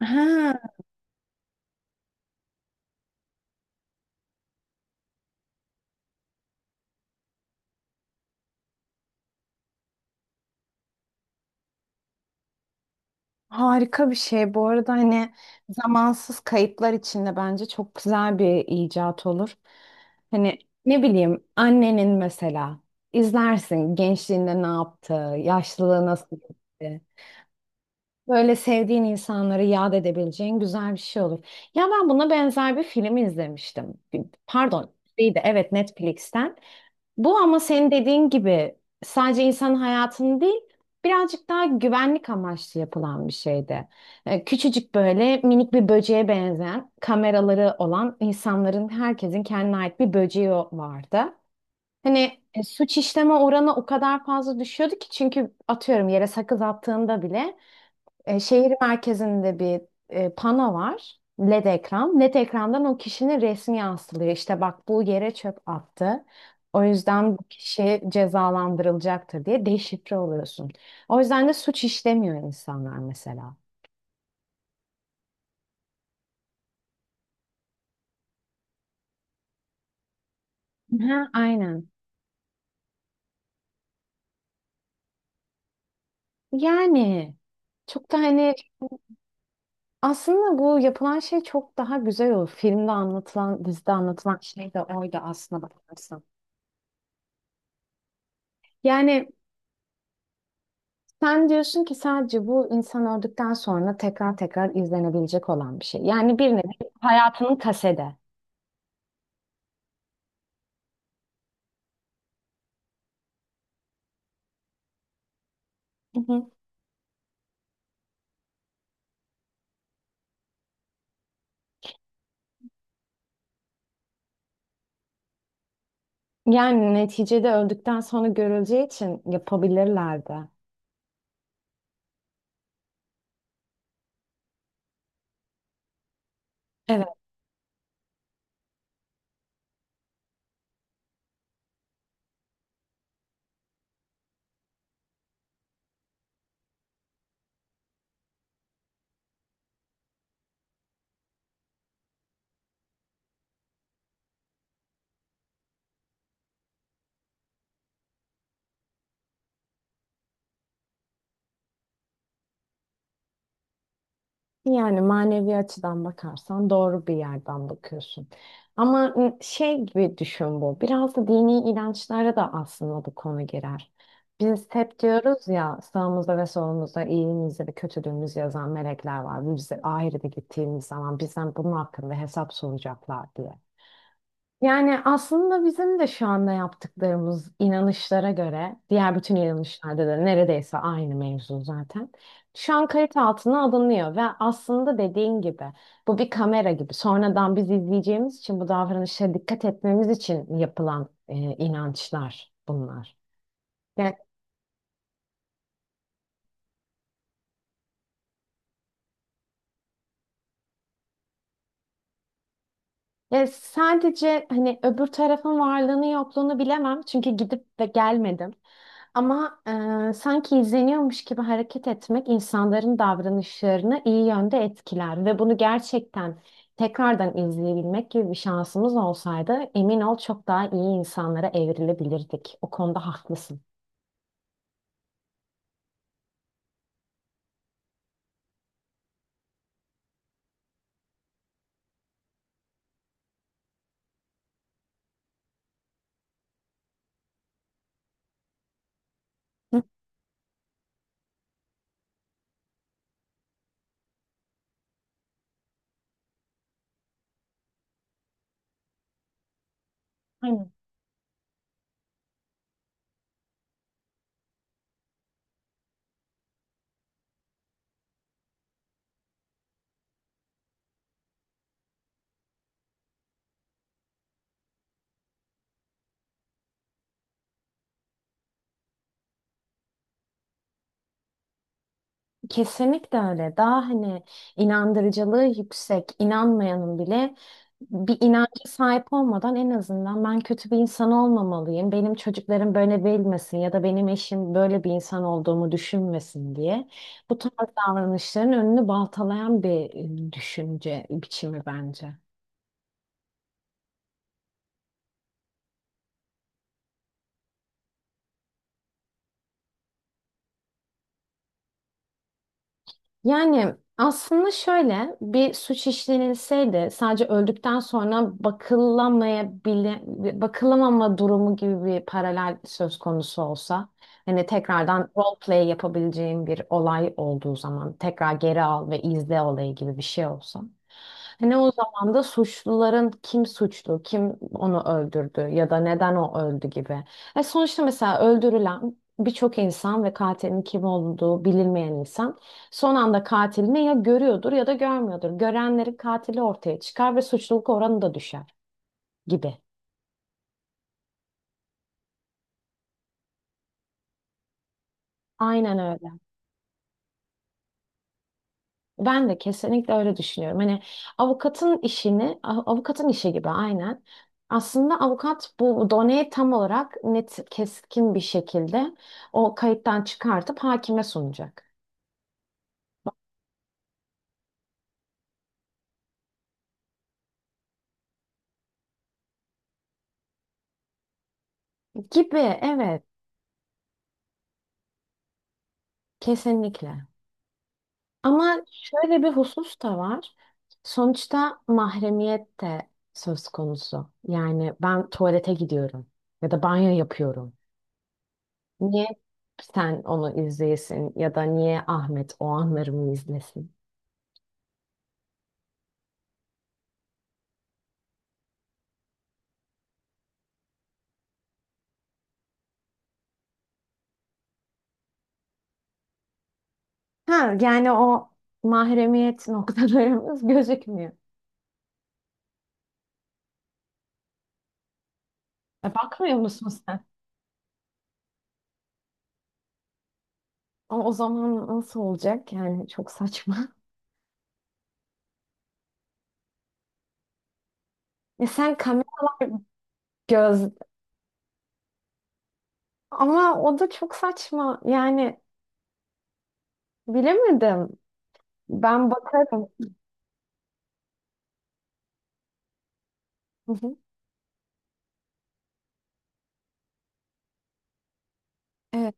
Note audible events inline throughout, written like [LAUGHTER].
Ha, harika bir şey. Bu arada hani zamansız kayıtlar içinde bence çok güzel bir icat olur. Hani ne bileyim annenin mesela izlersin gençliğinde ne yaptı, yaşlılığı nasıl geçti. Böyle sevdiğin insanları yad edebileceğin güzel bir şey olur. Ya ben buna benzer bir film izlemiştim. Pardon, değil de evet Netflix'ten. Bu ama senin dediğin gibi sadece insanın hayatını değil, birazcık daha güvenlik amaçlı yapılan bir şeydi. Küçücük böyle minik bir böceğe benzeyen kameraları olan insanların herkesin kendine ait bir böceği vardı. Hani suç işleme oranı o kadar fazla düşüyordu ki çünkü atıyorum yere sakız attığında bile şehir merkezinde bir pano var. LED ekran. LED ekrandan o kişinin resmi yansılıyor. İşte bak bu yere çöp attı. O yüzden bu kişi cezalandırılacaktır diye deşifre oluyorsun. O yüzden de suç işlemiyor insanlar mesela. Ha, aynen. Yani çok da hani aslında bu yapılan şey çok daha güzel olur. Filmde anlatılan, dizide anlatılan şey de oydu aslında bakarsan. Yani sen diyorsun ki sadece bu insan öldükten sonra tekrar tekrar izlenebilecek olan bir şey. Yani bir nevi hayatının kasede. Hı hı. Yani neticede öldükten sonra görüleceği için yapabilirlerdi. Yani manevi açıdan bakarsan doğru bir yerden bakıyorsun. Ama şey gibi düşün bu. Biraz da dini inançlara da aslında bu konu girer. Biz hep diyoruz ya sağımızda ve solumuzda iyiliğimizi ve kötülüğümüzü yazan melekler var. Biz de ahirete gittiğimiz zaman bizden bunun hakkında hesap soracaklar diye. Yani aslında bizim de şu anda yaptıklarımız inanışlara göre, diğer bütün inanışlarda da neredeyse aynı mevzu zaten. Şu an kayıt altına alınıyor ve aslında dediğin gibi bu bir kamera gibi. Sonradan biz izleyeceğimiz için bu davranışlara dikkat etmemiz için yapılan inançlar bunlar. Yani, sadece hani öbür tarafın varlığını yokluğunu bilemem çünkü gidip ve gelmedim. Ama sanki izleniyormuş gibi hareket etmek insanların davranışlarını iyi yönde etkiler ve bunu gerçekten tekrardan izleyebilmek gibi bir şansımız olsaydı emin ol çok daha iyi insanlara evrilebilirdik. O konuda haklısın. Hı, aynen. Kesinlikle öyle. Daha hani inandırıcılığı yüksek, inanmayanın bile bir inanca sahip olmadan en azından ben kötü bir insan olmamalıyım. Benim çocuklarım böyle bilmesin ya da benim eşim böyle bir insan olduğumu düşünmesin diye bu tarz davranışların önünü baltalayan bir düşünce biçimi bence. Yani aslında şöyle bir suç işlenilseydi sadece öldükten sonra bakılamama durumu gibi bir paralel söz konusu olsa hani tekrardan role play yapabileceğim bir olay olduğu zaman tekrar geri al ve izle olayı gibi bir şey olsa hani o zaman da suçluların kim suçlu, kim onu öldürdü ya da neden o öldü gibi. E sonuçta mesela öldürülen birçok insan ve katilin kim olduğu bilinmeyen insan son anda katilini ya görüyordur ya da görmüyordur. Görenlerin katili ortaya çıkar ve suçluluk oranı da düşer gibi. Aynen öyle. Ben de kesinlikle öyle düşünüyorum. Hani avukatın işi gibi aynen. Aslında avukat bu doneyi tam olarak net, keskin bir şekilde o kayıttan çıkartıp hakime sunacak. Gibi, evet, kesinlikle. Ama şöyle bir husus da var. Sonuçta mahremiyet de söz konusu. Yani ben tuvalete gidiyorum ya da banyo yapıyorum. Niye sen onu izleyesin ya da niye Ahmet o anlarımı izlesin? Ha, yani o mahremiyet noktalarımız [LAUGHS] gözükmüyor. E, bakmıyor musun sen? O zaman nasıl olacak? Yani çok saçma. [LAUGHS] E sen kameralar göz ama o da çok saçma. Yani bilemedim. Ben bakarım. Hı hı. Evet,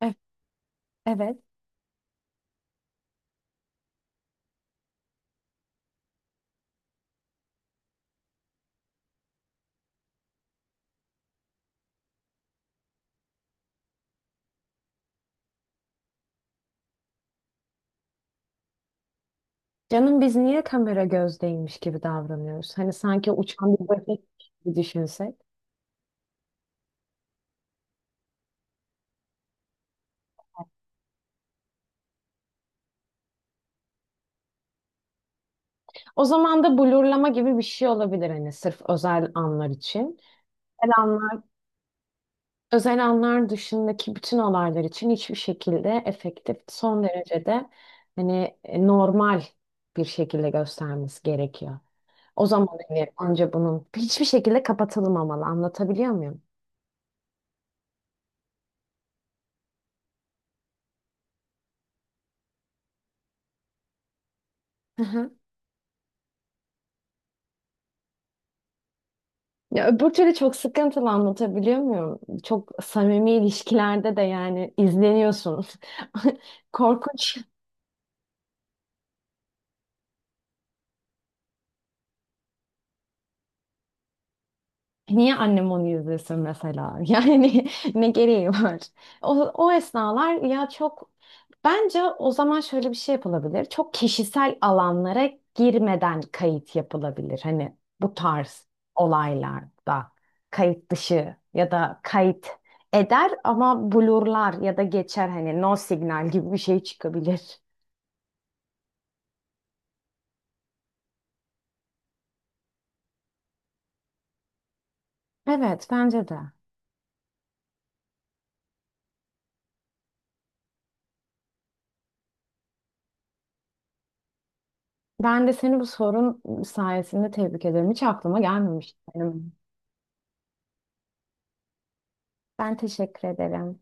evet, evet. Canım biz niye kamera gözdeymiş gibi davranıyoruz? Hani sanki uçan bir böcek gibi düşünsek. O zaman da blurlama gibi bir şey olabilir hani sırf özel anlar için. Özel anlar, özel anlar dışındaki bütün olaylar için hiçbir şekilde efektif, son derecede hani normal bir şekilde göstermesi gerekiyor. O zaman hani anca bunun hiçbir şekilde kapatılmamalı. Anlatabiliyor muyum? [LAUGHS] Ya öbür türlü çok sıkıntılı anlatabiliyor muyum? Çok samimi ilişkilerde de yani izleniyorsun. [LAUGHS] Korkunç. Niye annem onu izlesin mesela? [LAUGHS] Yani ne gereği var? O, o esnalar ya çok bence o zaman şöyle bir şey yapılabilir. Çok kişisel alanlara girmeden kayıt yapılabilir. Hani bu tarz olaylarda kayıt dışı ya da kayıt eder ama blurlar ya da geçer hani no signal gibi bir şey çıkabilir. Evet bence de. Ben de seni bu sorun sayesinde tebrik ederim. Hiç aklıma gelmemişti benim. Ben teşekkür ederim.